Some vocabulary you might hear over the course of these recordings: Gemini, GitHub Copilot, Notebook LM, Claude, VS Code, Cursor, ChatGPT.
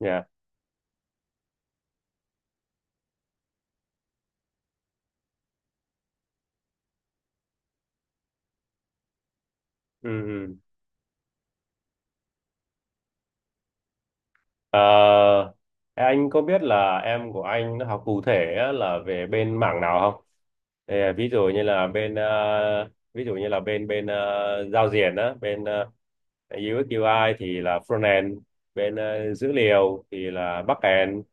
Dạ. Ừ. Ừ. Ờ, anh có biết là em của anh nó học cụ thể á, là về bên mảng nào không? Thì, ví dụ như là bên ờ, ví dụ như là bên bên ờ, giao diện á, bên UX UI thì là frontend, bên dữ liệu thì là backend.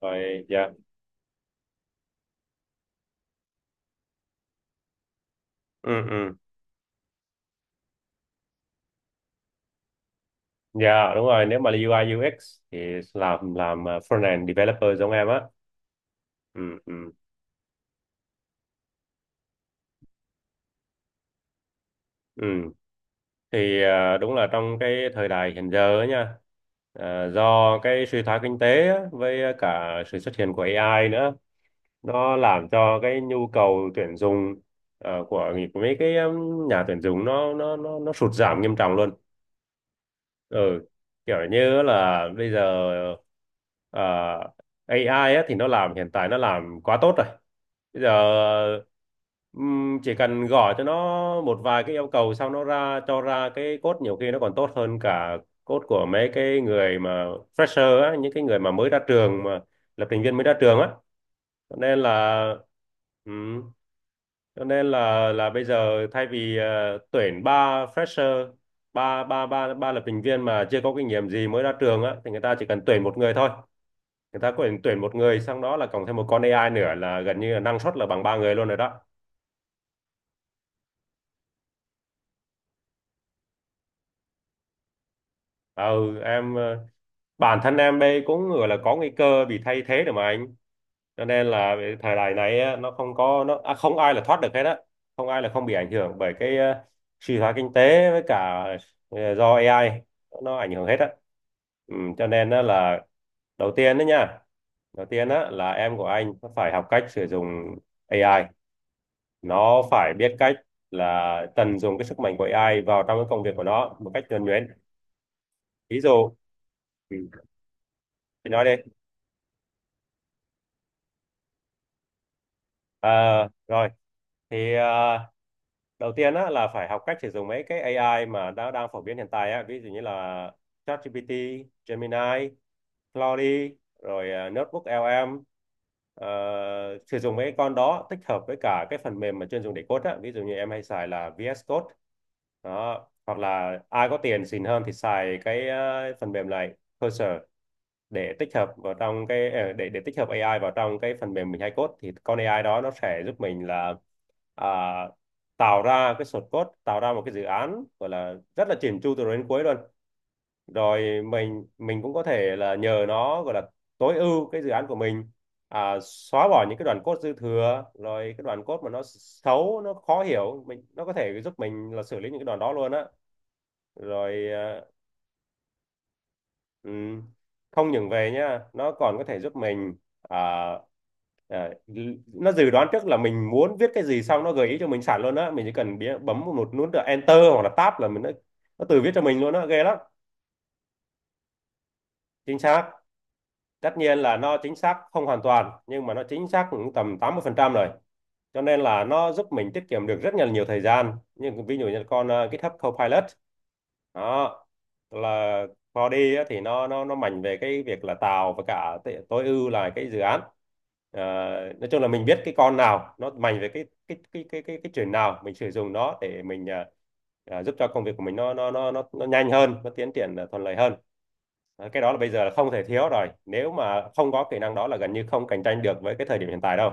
Rồi dạ. Ừ ừ. Dạ đúng rồi, nếu mà là UI UX thì làm frontend developer giống em á. Ừ ừ. Ừ. Thì đúng là trong cái thời đại hiện giờ ấy nha, do cái suy thoái kinh tế á, với cả sự xuất hiện của AI nữa, nó làm cho cái nhu cầu tuyển dụng, của mấy cái nhà tuyển dụng nó sụt giảm nghiêm trọng luôn. Ừ, kiểu như là bây giờ ờ, AI á, thì nó làm, hiện tại nó làm quá tốt rồi. Bây giờ chỉ cần gọi cho nó một vài cái yêu cầu sau nó ra cho ra cái code, nhiều khi nó còn tốt hơn cả code của mấy cái người mà fresher á, những cái người mà mới ra trường, mà lập trình viên mới ra trường á, cho nên là. Ừ, cho nên là bây giờ thay vì tuyển ba fresher, ba ba ba ba lập trình viên mà chưa có kinh nghiệm gì mới ra trường á, thì người ta chỉ cần tuyển một người thôi. Người ta có thể tuyển một người, xong đó là cộng thêm một con AI nữa là gần như là năng suất là bằng ba người luôn rồi đó. Ừ, em ờ, bản thân em đây cũng gọi là có nguy cơ bị thay thế được mà anh. Cho nên là về thời đại này á, nó không có nó à, không ai là thoát được hết á, không ai là không bị ảnh hưởng bởi cái suy thoái kinh tế với cả do AI, nó ảnh hưởng hết á. Ừ, cho nên á là đầu tiên đó nha. Đầu tiên á, là em của anh phải học cách sử dụng AI, nó phải biết cách là tận dụng cái sức mạnh của AI vào trong cái công việc của nó một cách nhuần nhuyễn. Ví dụ, ừ, chị nói đi. Ờ, Rồi, thì đầu tiên á, là phải học cách sử dụng mấy cái AI mà đã đang phổ biến hiện tại á, ví dụ như là ChatGPT, Gemini, Claude, rồi Notebook LM. Ờ, Sử dụng mấy con đó tích hợp với cả cái phần mềm mà chuyên dùng để code á, ví dụ như em hay xài là VS Code đó, hoặc là ai có tiền xịn hơn thì xài cái phần mềm này Cursor, để tích hợp vào trong cái để tích hợp AI vào trong cái phần mềm mình hay code, thì con AI đó nó sẽ giúp mình là à, tạo ra cái source code, tạo ra một cái dự án gọi là rất là chỉn chu từ đầu đến cuối luôn. Rồi mình cũng có thể là nhờ nó gọi là tối ưu cái dự án của mình, xóa bỏ những cái đoạn code dư thừa, rồi cái đoạn code mà nó xấu, nó khó hiểu mình, nó có thể giúp mình là xử lý những cái đoạn đó luôn á. Rồi ừm, không những về nhá, nó còn có thể giúp mình à, đấy, nó dự đoán trước là mình muốn viết cái gì, xong nó gợi ý cho mình sẵn luôn á, mình chỉ cần bấm một nút là enter hoặc là tab là nó tự viết cho mình luôn á, ghê lắm. Chính xác. Tất nhiên là nó chính xác không hoàn toàn, nhưng mà nó chính xác cũng tầm 80% rồi. Cho nên là nó giúp mình tiết kiệm được rất là nhiều thời gian, nhưng ví dụ như con GitHub Copilot đó, là Claude á, thì nó mạnh về cái việc là tạo và cả tối ưu là cái dự án. Ờ, nói chung là mình biết cái con nào nó mạnh về cái chuyện nào, mình sử dụng nó để mình giúp cho công việc của mình nó nhanh hơn, nó tiến triển thuận lợi hơn. Cái đó là bây giờ là không thể thiếu rồi, nếu mà không có kỹ năng đó là gần như không cạnh tranh được với cái thời điểm hiện tại đâu.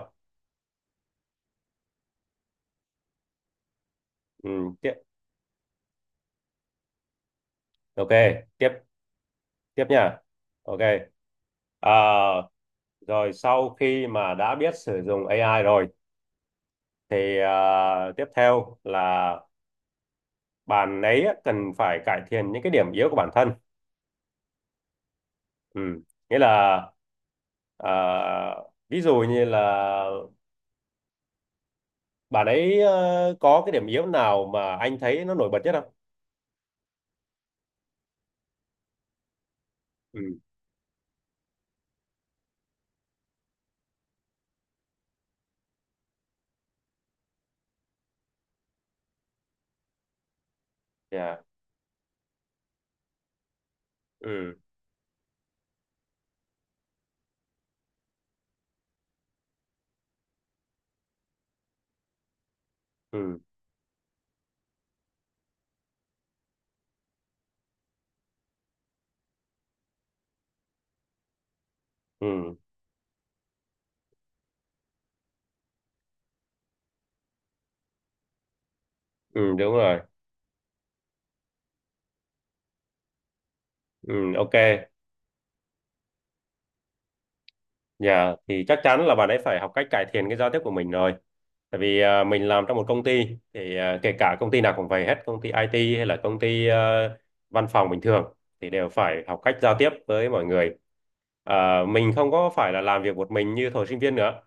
Ừ, tiếp. Ok, tiếp. Tiếp nha. Ok. à, Rồi sau khi mà đã biết sử dụng AI rồi thì tiếp theo là bạn ấy cần phải cải thiện những cái điểm yếu của bản thân. Ừ, nghĩa là à, ví dụ như là bạn ấy có cái điểm yếu nào mà anh thấy nó nổi bật nhất không? Ừ. Dạ. Ừ. Ừ. Ừ. Ừ, đúng rồi. Ừ. Ok. Dạ, thì chắc chắn là bạn ấy phải học cách cải thiện cái giao tiếp của mình rồi. Tại vì mình làm trong một công ty, thì kể cả công ty nào cũng vậy hết, công ty IT hay là công ty văn phòng bình thường, thì đều phải học cách giao tiếp với mọi người. Mình không có phải là làm việc một mình như thời sinh viên nữa,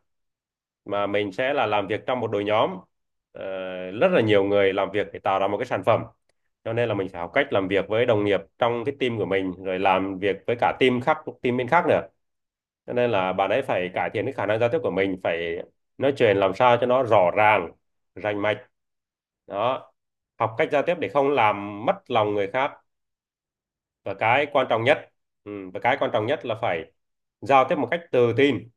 mà mình sẽ là làm việc trong một đội nhóm. Ờ, Rất là nhiều người làm việc để tạo ra một cái sản phẩm. Cho nên là mình phải học cách làm việc với đồng nghiệp trong cái team của mình, rồi làm việc với cả team khác, team bên khác nữa. Cho nên là bạn ấy phải cải thiện cái khả năng giao tiếp của mình, phải nói chuyện làm sao cho nó rõ ràng, rành mạch đó. Học cách giao tiếp để không làm mất lòng người khác. Và cái quan trọng nhất, là phải giao tiếp một cách tự tin,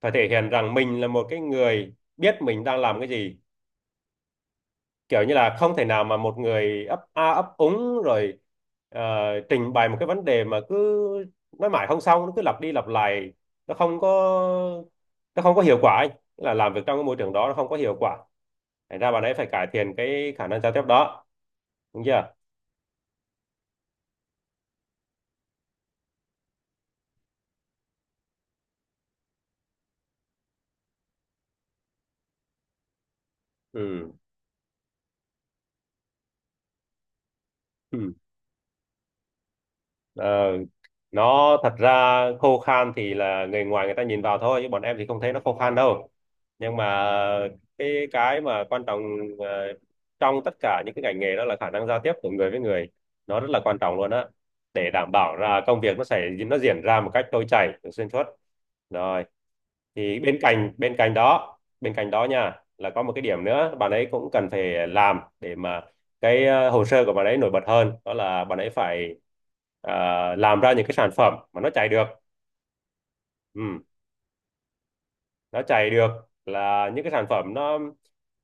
phải thể hiện rằng mình là một cái người biết mình đang làm cái gì. Kiểu như là không thể nào mà một người ấp a ấp úng rồi ờ, trình bày một cái vấn đề mà cứ nói mãi không xong, nó cứ lặp đi lặp lại, nó không có nó không có hiệu quả ấy. Tức là làm việc trong cái môi trường đó nó không có hiệu quả, thành ra bạn ấy phải cải thiện cái khả năng giao tiếp đó, đúng chưa? Ừ. Ừ. Ờ, nó thật ra khô khan thì là người ngoài người ta nhìn vào thôi, chứ bọn em thì không thấy nó khô khan đâu. Nhưng mà cái mà quan trọng ờ, trong tất cả những cái ngành nghề đó là khả năng giao tiếp của người với người, nó rất là quan trọng luôn á, để đảm bảo là công việc nó diễn ra một cách trôi chảy xuyên suốt. Rồi thì bên cạnh đó nha, là có một cái điểm nữa bạn ấy cũng cần phải làm để mà cái hồ sơ của bạn ấy nổi bật hơn, đó là bạn ấy phải ờ, làm ra những cái sản phẩm mà nó chạy được. Ừ, nó chạy được, là những cái sản phẩm nó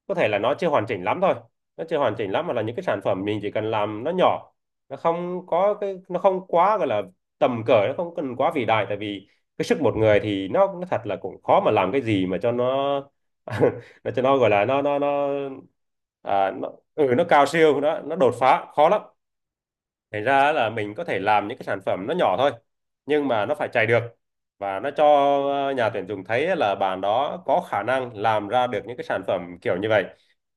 có thể là nó chưa hoàn chỉnh lắm thôi, nó chưa hoàn chỉnh lắm mà là những cái sản phẩm mình chỉ cần làm nó nhỏ, nó không quá, gọi là tầm cỡ, nó không cần quá vĩ đại, tại vì cái sức một người thì nó thật là cũng khó mà làm cái gì mà cho nó nó cho nó gọi là nó cao siêu, nó đột phá khó lắm. Thành ra là mình có thể làm những cái sản phẩm nó nhỏ thôi, nhưng mà nó phải chạy được, và nó cho nhà tuyển dụng thấy là bạn đó có khả năng làm ra được những cái sản phẩm kiểu như vậy.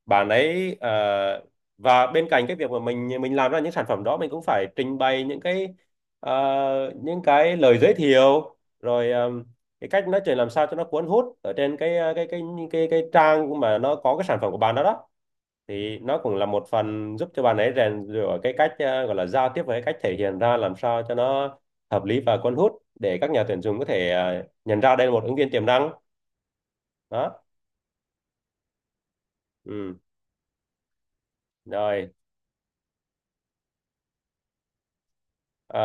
bạn ấy ờ, và bên cạnh cái việc mà mình làm ra những sản phẩm đó, mình cũng phải trình bày những cái những cái lời giới thiệu, rồi cái cách nói chuyện làm sao cho nó cuốn hút ở trên cái trang mà nó có cái sản phẩm của bạn đó đó. Thì nó cũng là một phần giúp cho bạn ấy rèn rũa cái cách gọi là giao tiếp với cái cách thể hiện ra làm sao cho nó hợp lý và cuốn hút, để các nhà tuyển dụng có thể nhận ra đây là một ứng viên tiềm năng đó. Ừ. Rồi. Ờ,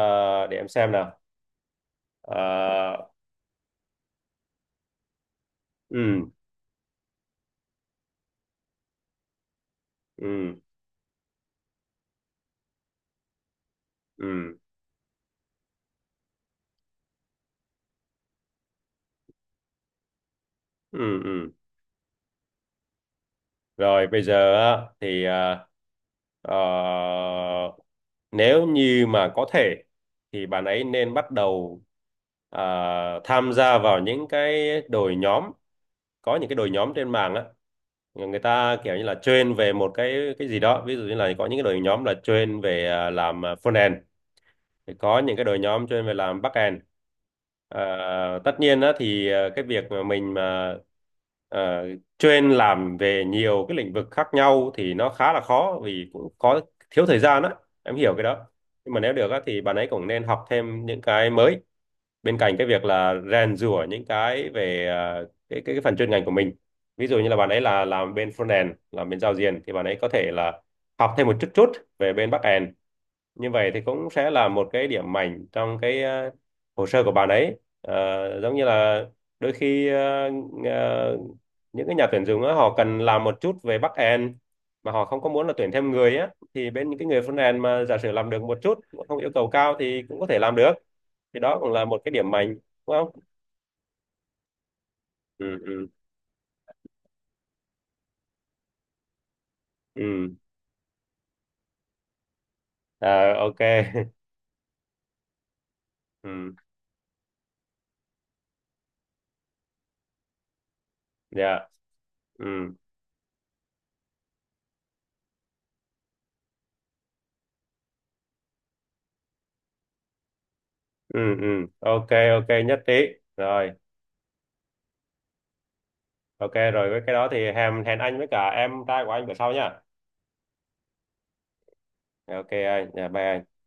để em xem nào. Ờ. Ừ. Ừ. Ừ. Ừ. Ừ. Rồi bây giờ á, thì ờ, nếu như mà có thể thì bạn ấy nên bắt đầu ờ, tham gia vào những cái đội nhóm. Có những cái đội nhóm trên mạng á, người ta kiểu như là train về một cái gì đó, ví dụ như là có những cái đội nhóm là train về làm front end, thì có những cái đội nhóm train về làm back end. À, tất nhiên á thì cái việc mà mình à, train làm về nhiều cái lĩnh vực khác nhau thì nó khá là khó, vì cũng có thiếu thời gian á, em hiểu cái đó. Nhưng mà nếu được á thì bạn ấy cũng nên học thêm những cái mới, bên cạnh cái việc là rèn giũa những cái về cái phần chuyên ngành của mình. Ví dụ như là bạn ấy là làm bên frontend, làm bên giao diện, thì bạn ấy có thể là học thêm một chút chút về bên backend. Như vậy thì cũng sẽ là một cái điểm mạnh trong cái hồ sơ của bạn ấy. Giống như là đôi khi à, những cái nhà tuyển dụng á, họ cần làm một chút về backend mà họ không có muốn là tuyển thêm người á, thì bên những cái người frontend mà giả sử làm được một chút, không yêu cầu cao thì cũng có thể làm được, thì đó cũng là một cái điểm mạnh, đúng không? Ừ. Ừ. Ừ. Ok. Ừ. Dạ. Ừ. Ừ. Ừ. Ok, ok, nhất trí. Rồi. Ok, rồi với cái đó thì hẹn hẹn anh với cả em trai của anh bữa sau nha. Ok anh, dạ bye anh.